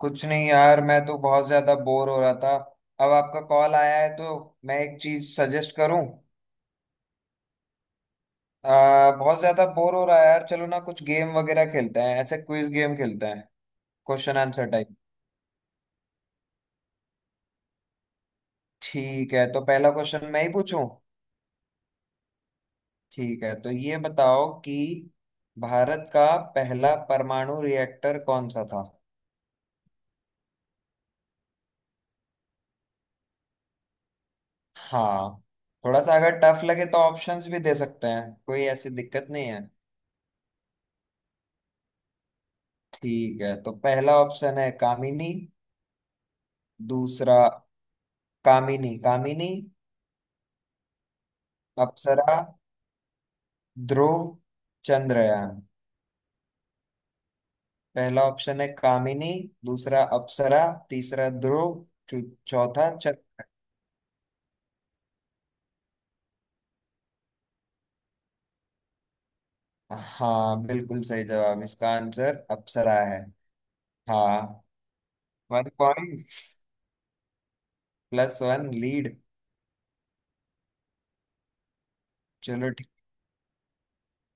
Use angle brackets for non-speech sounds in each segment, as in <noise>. कुछ नहीं यार, मैं तो बहुत ज्यादा बोर हो रहा था। अब आपका कॉल आया है तो मैं एक चीज सजेस्ट करूं। बहुत ज्यादा बोर हो रहा है यार, चलो ना कुछ गेम वगैरह खेलते हैं, ऐसे क्विज गेम खेलते हैं। Question answer type. ठीक है, तो पहला क्वेश्चन मैं ही पूछूं। ठीक है, तो ये बताओ कि भारत का पहला परमाणु रिएक्टर कौन सा था। हाँ। थोड़ा सा अगर टफ लगे तो ऑप्शंस भी दे सकते हैं, कोई ऐसी दिक्कत नहीं है। ठीक है, तो पहला ऑप्शन है कामिनी। दूसरा कामिनी कामिनी। अप्सरा। ध्रुव। चंद्रयान। पहला ऑप्शन है कामिनी। दूसरा अप्सरा। तीसरा ध्रुव। चौ- चौथा चंद्र। हाँ, बिल्कुल सही जवाब, इसका आंसर अप्सरा है। हाँ। One point. Plus one lead. चलो ठीक।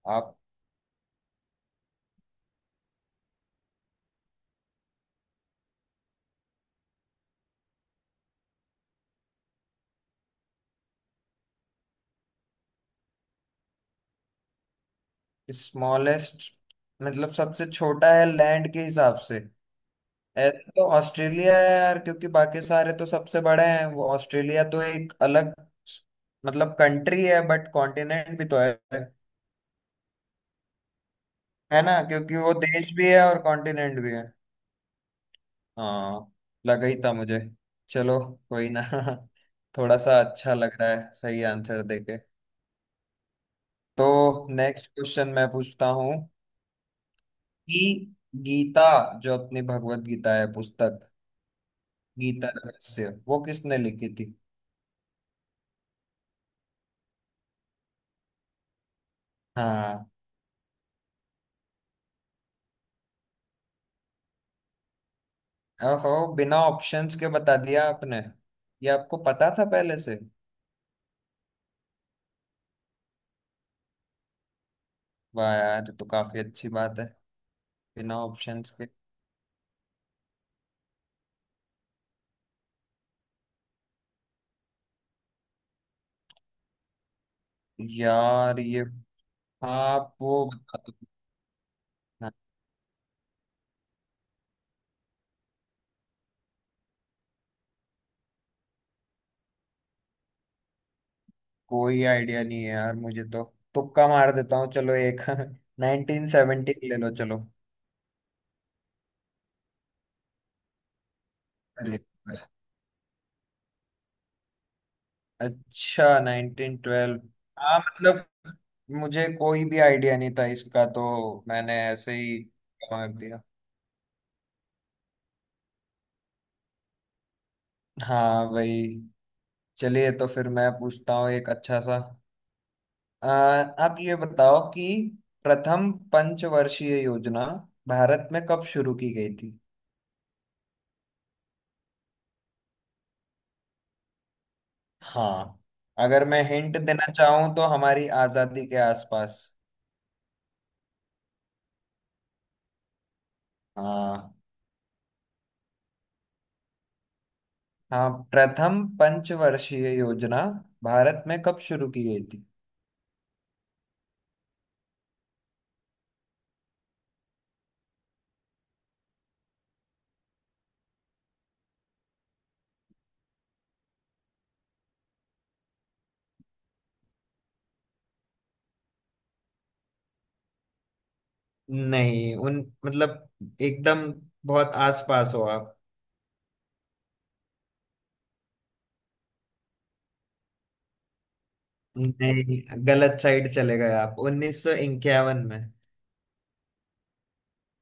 आप। स्मॉलेस्ट मतलब सबसे छोटा है लैंड के हिसाब से। ऐसे तो ऑस्ट्रेलिया है यार, क्योंकि बाकी सारे तो सबसे बड़े हैं, वो ऑस्ट्रेलिया तो एक अलग मतलब कंट्री है बट कॉन्टिनेंट भी तो है। है ना, क्योंकि वो देश भी है और कॉन्टिनेंट भी है। हाँ। लगा ही था मुझे। चलो। कोई ना। <laughs> थोड़ा सा अच्छा लग रहा है सही आंसर देके। तो नेक्स्ट क्वेश्चन मैं पूछता हूँ कि गीता, जो अपनी भगवत गीता है पुस्तक, गीता रहस्य वो किसने लिखी थी। हाँ। ओहो, बिना ऑप्शंस के बता दिया आपने। ये आपको पता था पहले से। वाह यार, ये तो काफी अच्छी बात है, बिना ऑप्शंस के। यार ये। आप वो बता दो। हाँ। कोई आइडिया नहीं है यार मुझे तो। तुक्का मार देता हूँ, चलो एक <laughs> 1970 ले लो चलो। अरे, अच्छा 1912। हाँ मतलब मुझे कोई भी आइडिया नहीं था, इसका तो मैंने ऐसे ही मार दिया। हाँ भाई। चलिए तो फिर मैं पूछता हूँ एक अच्छा सा। आप ये बताओ कि प्रथम पंचवर्षीय योजना भारत में कब शुरू की गई थी। हाँ। अगर मैं हिंट देना चाहूँ तो हमारी आजादी के आसपास। हाँ। हाँ, प्रथम पंचवर्षीय योजना भारत में कब शुरू की गई थी। नहीं, उन मतलब एकदम बहुत आसपास हो आप। नहीं, गलत साइड चले गए आप, 1951 में।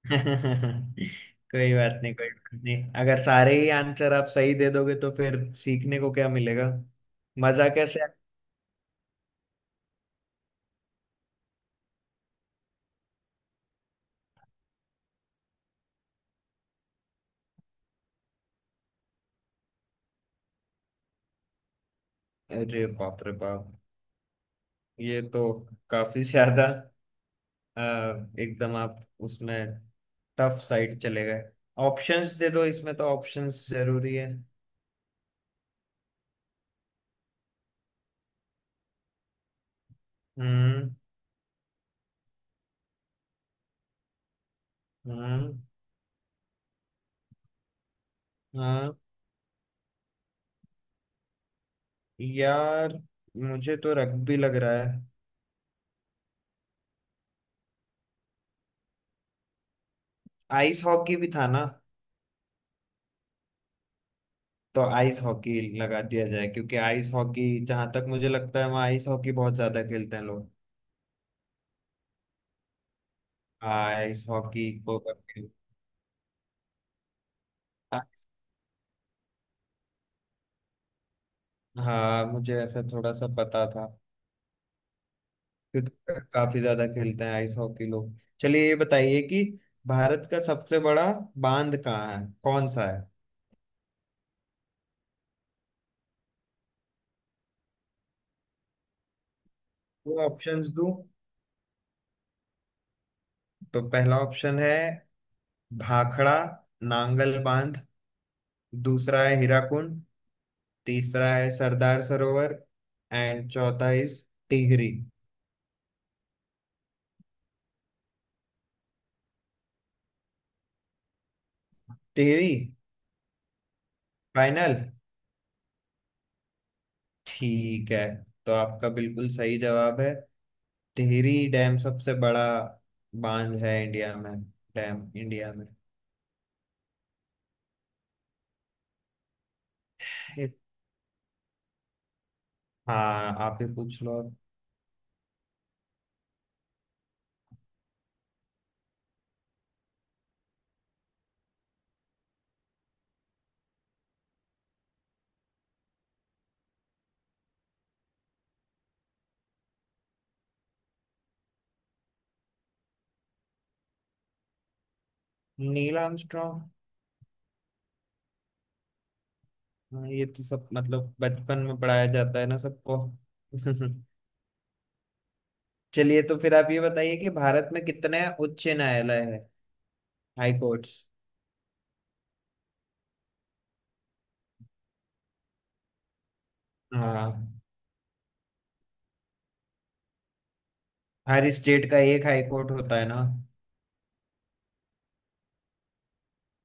<laughs> कोई बात नहीं कोई बात नहीं, अगर सारे ही आंसर आप सही दे दोगे तो फिर सीखने को क्या मिलेगा। मजा कैसे आए? अरे बाप रे बाप, ये तो काफी <laughs> ज्यादा। अ, एकदम आप उसमें टफ साइड चले गए। ऑप्शंस दे दो, इसमें तो ऑप्शंस जरूरी है। हम्म। हम्म। हाँ यार, मुझे तो रग्बी लग रहा है। आइस हॉकी भी था ना? तो आइस हॉकी लगा दिया जाए, क्योंकि आइस हॉकी जहां तक मुझे लगता है वहाँ आइस हॉकी बहुत ज्यादा खेलते हैं लोग। आइस हॉकी को करके-। हाँ, मुझे ऐसा थोड़ा सा पता था। क्योंकि काफी ज्यादा खेलते हैं आइस हॉकी लोग। चलिए, ये बताइए कि भारत का सबसे बड़ा बांध कहाँ है, कौन सा है। वो ऑप्शंस दूं। तो पहला ऑप्शन है भाखड़ा नांगल बांध। दूसरा है हीराकुंड। तीसरा है सरदार सरोवर। एंड चौथा इज टिहरी। टिहरी। फाइनल। ठीक है, तो आपका बिल्कुल सही जवाब है, टिहरी डैम सबसे बड़ा बांध है इंडिया में। डैम इंडिया में। एक-। हाँ, आप ही पूछ लो अब। Neil Armstrong. हाँ, ये तो सब मतलब बचपन में पढ़ाया जाता है ना सबको। <laughs> चलिए तो फिर आप ये बताइए कि भारत में कितने उच्च न्यायालय है, हाई कोर्ट्स। हाँ। हर स्टेट का एक हाई कोर्ट होता है ना।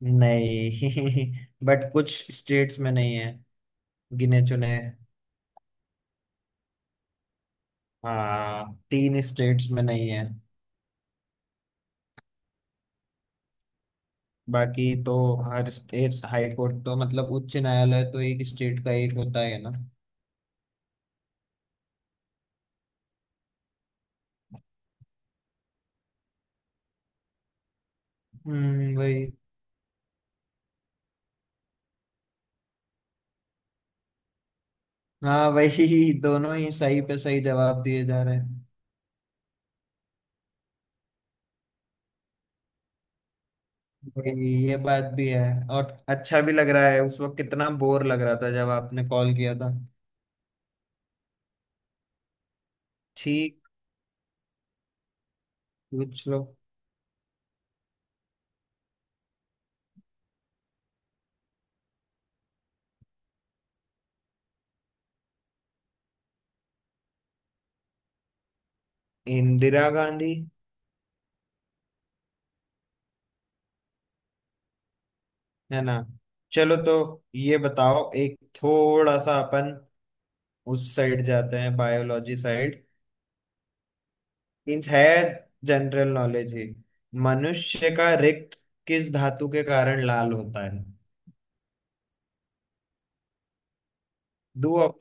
नहीं, <laughs> बट कुछ स्टेट्स में नहीं है, गिने चुने। हाँ, तीन स्टेट्स में नहीं है, बाकी तो हर स्टेट हाई कोर्ट, तो मतलब उच्च न्यायालय तो एक स्टेट का एक होता है ना। हम्म, वही। हाँ वही, <laughs> दोनों ही सही पे सही जवाब दिए जा रहे हैं। भाई ये बात भी है, और अच्छा भी लग रहा है, उस वक्त कितना बोर लग रहा था जब आपने कॉल किया था। ठीक। पूछ लो। इंदिरा गांधी। है ना। चलो, तो ये बताओ, एक थोड़ा सा अपन उस साइड जाते हैं, बायोलॉजी साइड। मीन्स है जनरल नॉलेज ही। मनुष्य का रिक्त किस धातु के कारण लाल होता है। दो ऑप्शन।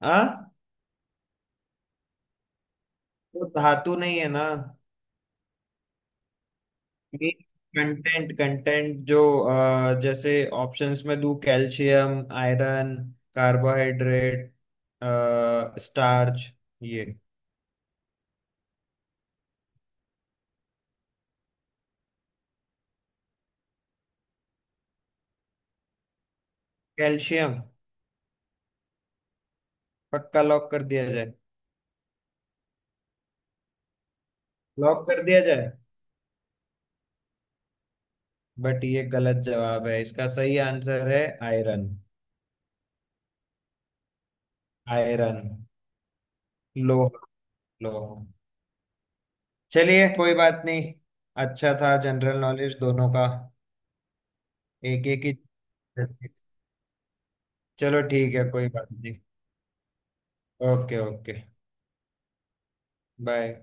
आ वो धातु नहीं है ना। कंटेंट कंटेंट जो, जैसे ऑप्शंस में दूं, कैल्शियम, आयरन, कार्बोहाइड्रेट, स्टार्च, ये। कैल्शियम। पक्का, लॉक कर दिया जाए। लॉक कर दिया जाए। बट ये गलत जवाब है, इसका सही आंसर है आयरन। आयरन। लोहा। लोहा। चलिए, कोई बात नहीं, अच्छा था जनरल नॉलेज दोनों का। एक एक ही। चलो ठीक है, कोई बात नहीं। Okay, okay. बाय।